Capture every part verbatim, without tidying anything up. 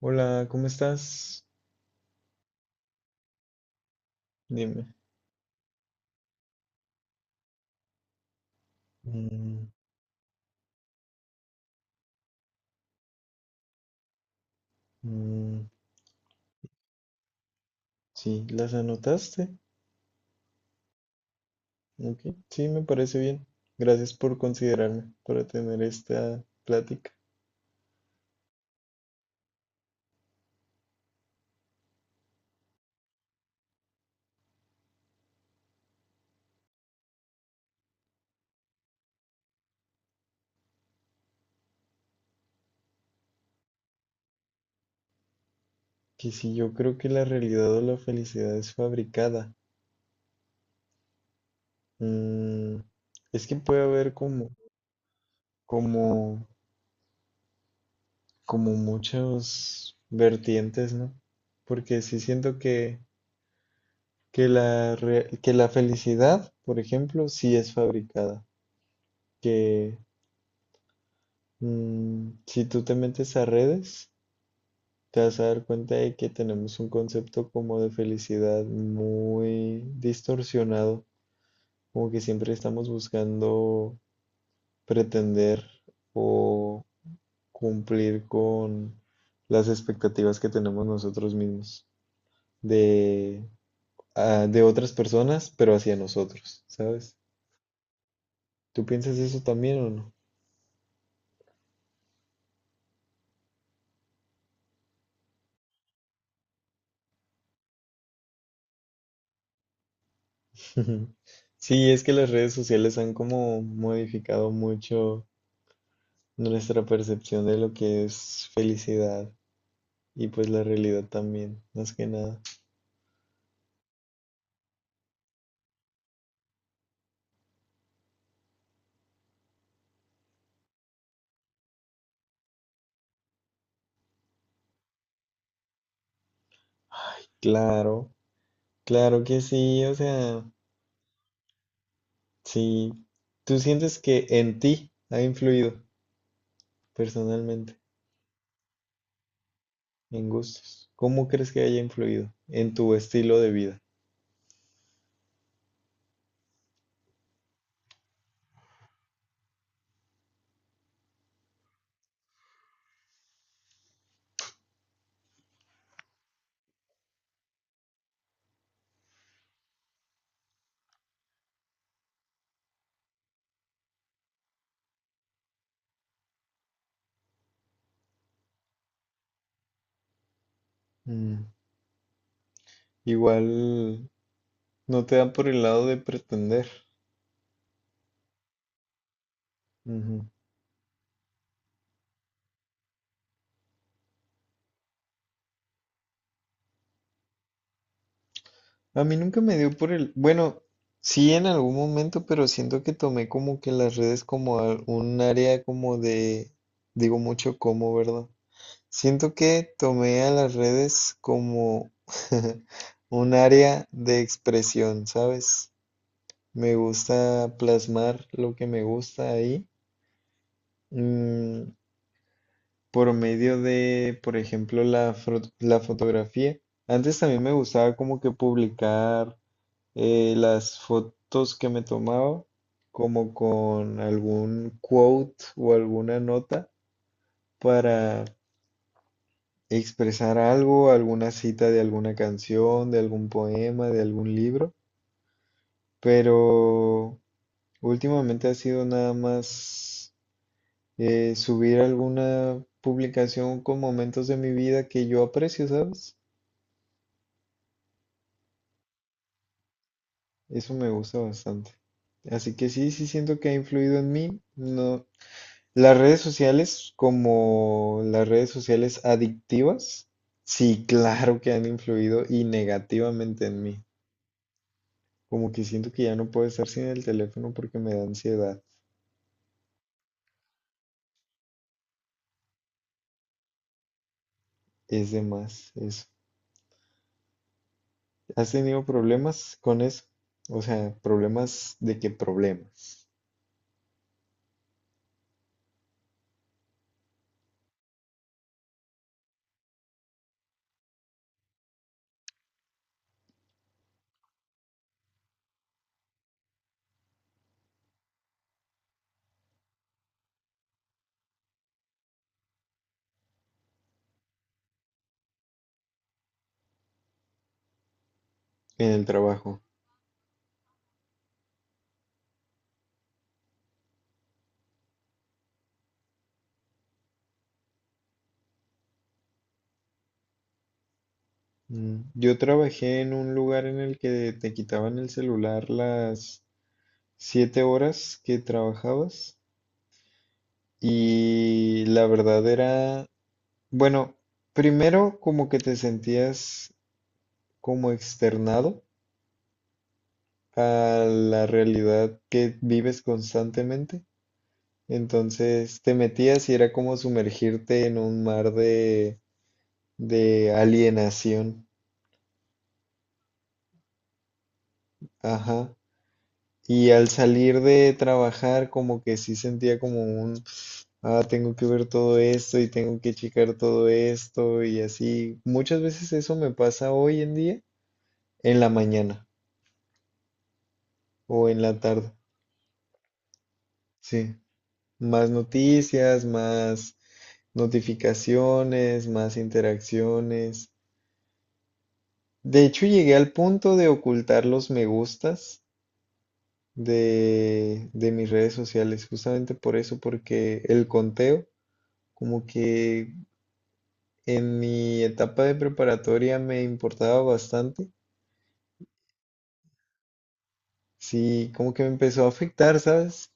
Hola, ¿cómo estás? Dime. Mm, mm, sí, ¿las anotaste? Ok, sí, me parece bien. Gracias por considerarme para tener esta plática. Que si yo creo que la realidad o la felicidad es fabricada. Mm, es que puede haber como, como, como muchas vertientes, ¿no? Porque sí siento que, que la, re- que la felicidad, por ejemplo, sí es fabricada. Que Mm, si tú te metes a redes, te vas a dar cuenta de que tenemos un concepto como de felicidad muy distorsionado, como que siempre estamos buscando pretender o cumplir con las expectativas que tenemos nosotros mismos de, ah, de otras personas, pero hacia nosotros, ¿sabes? ¿Tú piensas eso también o no? Sí, es que las redes sociales han como modificado mucho nuestra percepción de lo que es felicidad y pues la realidad también, más que nada. Claro, claro que sí, o sea, sí, tú sientes que en ti ha influido personalmente, en gustos. ¿Cómo crees que haya influido en tu estilo de vida? Mm, igual no te dan por el lado de pretender. A mí nunca me dio por el, bueno, sí en algún momento, pero siento que tomé como que las redes como a- un área como de, digo mucho como, ¿verdad? Siento que tomé a las redes como un área de expresión, ¿sabes? Me gusta plasmar lo que me gusta ahí, mm, por medio de, por ejemplo, la, fro- la fotografía. Antes también me gustaba como que publicar eh, las fotos que me tomaba, como con algún quote o alguna nota para expresar algo, alguna cita de alguna canción, de algún poema, de algún libro, pero últimamente ha sido nada más eh, subir alguna publicación con momentos de mi vida que yo aprecio, ¿sabes? Eso me gusta bastante. Así que sí, sí siento que ha influido en mí. No, las redes sociales, como las redes sociales adictivas, sí, claro que han influido y negativamente en mí. Como que siento que ya no puedo estar sin el teléfono porque me da ansiedad. Es de más eso. ¿Has tenido problemas con eso? O sea, problemas de qué problemas en el trabajo. Mm, yo trabajé en un lugar en el que te quitaban el celular las siete horas que trabajabas y la verdad era, bueno, primero como que te sentías como externado a la realidad que vives constantemente. Entonces te metías y era como sumergirte en un mar de, de alienación. Ajá. Y al salir de trabajar como que sí sentía como un, ah, tengo que ver todo esto y tengo que checar todo esto y así. Muchas veces eso me pasa hoy en día en la mañana o en la tarde. Sí. Más noticias, más notificaciones, más interacciones. De hecho, llegué al punto de ocultar los me gustas de, de mis redes sociales, justamente por eso, porque el conteo, como que en mi etapa de preparatoria me importaba bastante. Sí, como que me empezó a afectar, ¿sabes?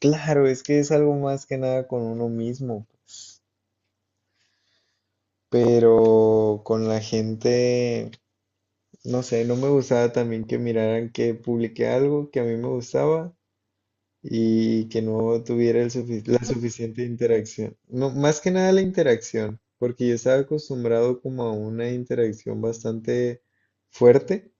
Claro, es que es algo más que nada con uno mismo, pero con la gente no sé, no me gustaba también que miraran que publiqué algo que a mí me gustaba y que no tuviera el sufi- la suficiente interacción. No, más que nada la interacción, porque yo estaba acostumbrado como a una interacción bastante fuerte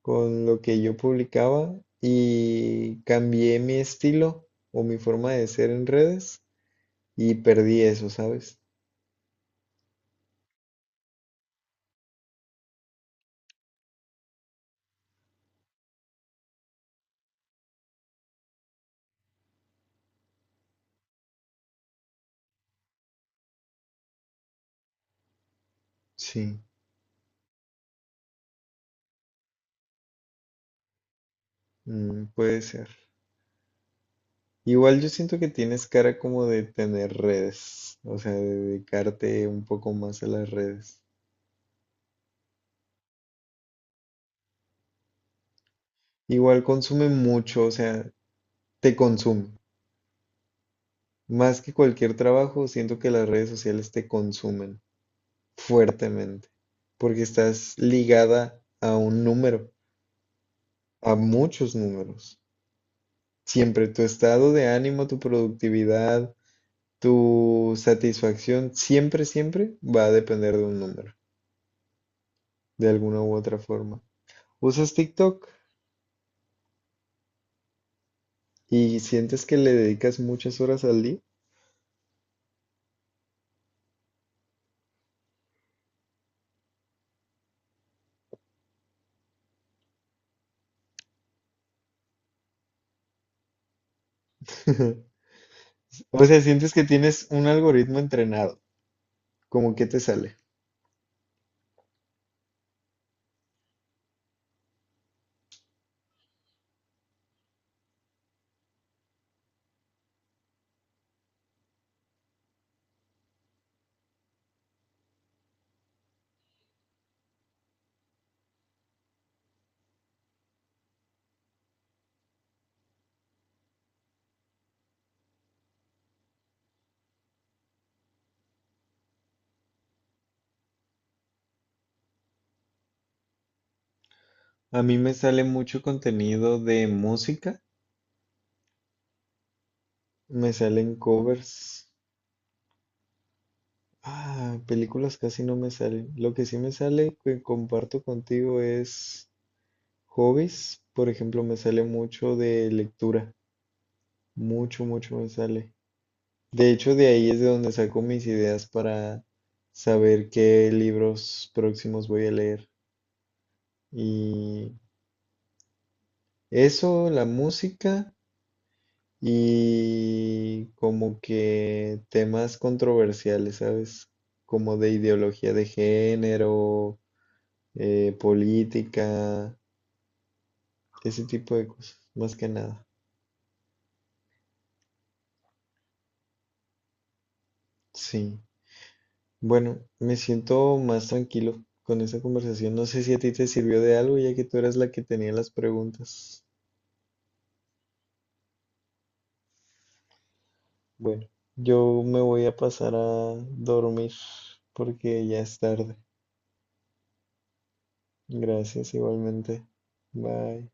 con lo que yo publicaba y cambié mi estilo o mi forma de ser en redes y perdí eso, ¿sabes? Sí, mm, puede ser. Igual yo siento que tienes cara como de tener redes, o sea, de dedicarte un poco más a las redes. Igual consume mucho, o sea, te consume. Más que cualquier trabajo, siento que las redes sociales te consumen fuertemente, porque estás ligada a un número, a muchos números. Siempre tu estado de ánimo, tu productividad, tu satisfacción, siempre, siempre va a depender de un número, de alguna u otra forma. ¿Usas TikTok? ¿Y sientes que le dedicas muchas horas al día? O sea, sientes que tienes un algoritmo entrenado, como que te sale. A mí me sale mucho contenido de música, me salen covers. Ah, películas casi no me salen. Lo que sí me sale que comparto contigo es hobbies. Por ejemplo, me sale mucho de lectura. Mucho, mucho me sale. De hecho, de ahí es de donde saco mis ideas para saber qué libros próximos voy a leer. Y eso, la música y como que temas controversiales, ¿sabes? Como de ideología de género, eh, política, ese tipo de cosas, más que nada. Sí. Bueno, me siento más tranquilo con esa conversación. No sé si a ti te sirvió de algo, ya que tú eras la que tenía las preguntas. Bueno, yo me voy a pasar a dormir porque ya es tarde. Gracias igualmente. Bye.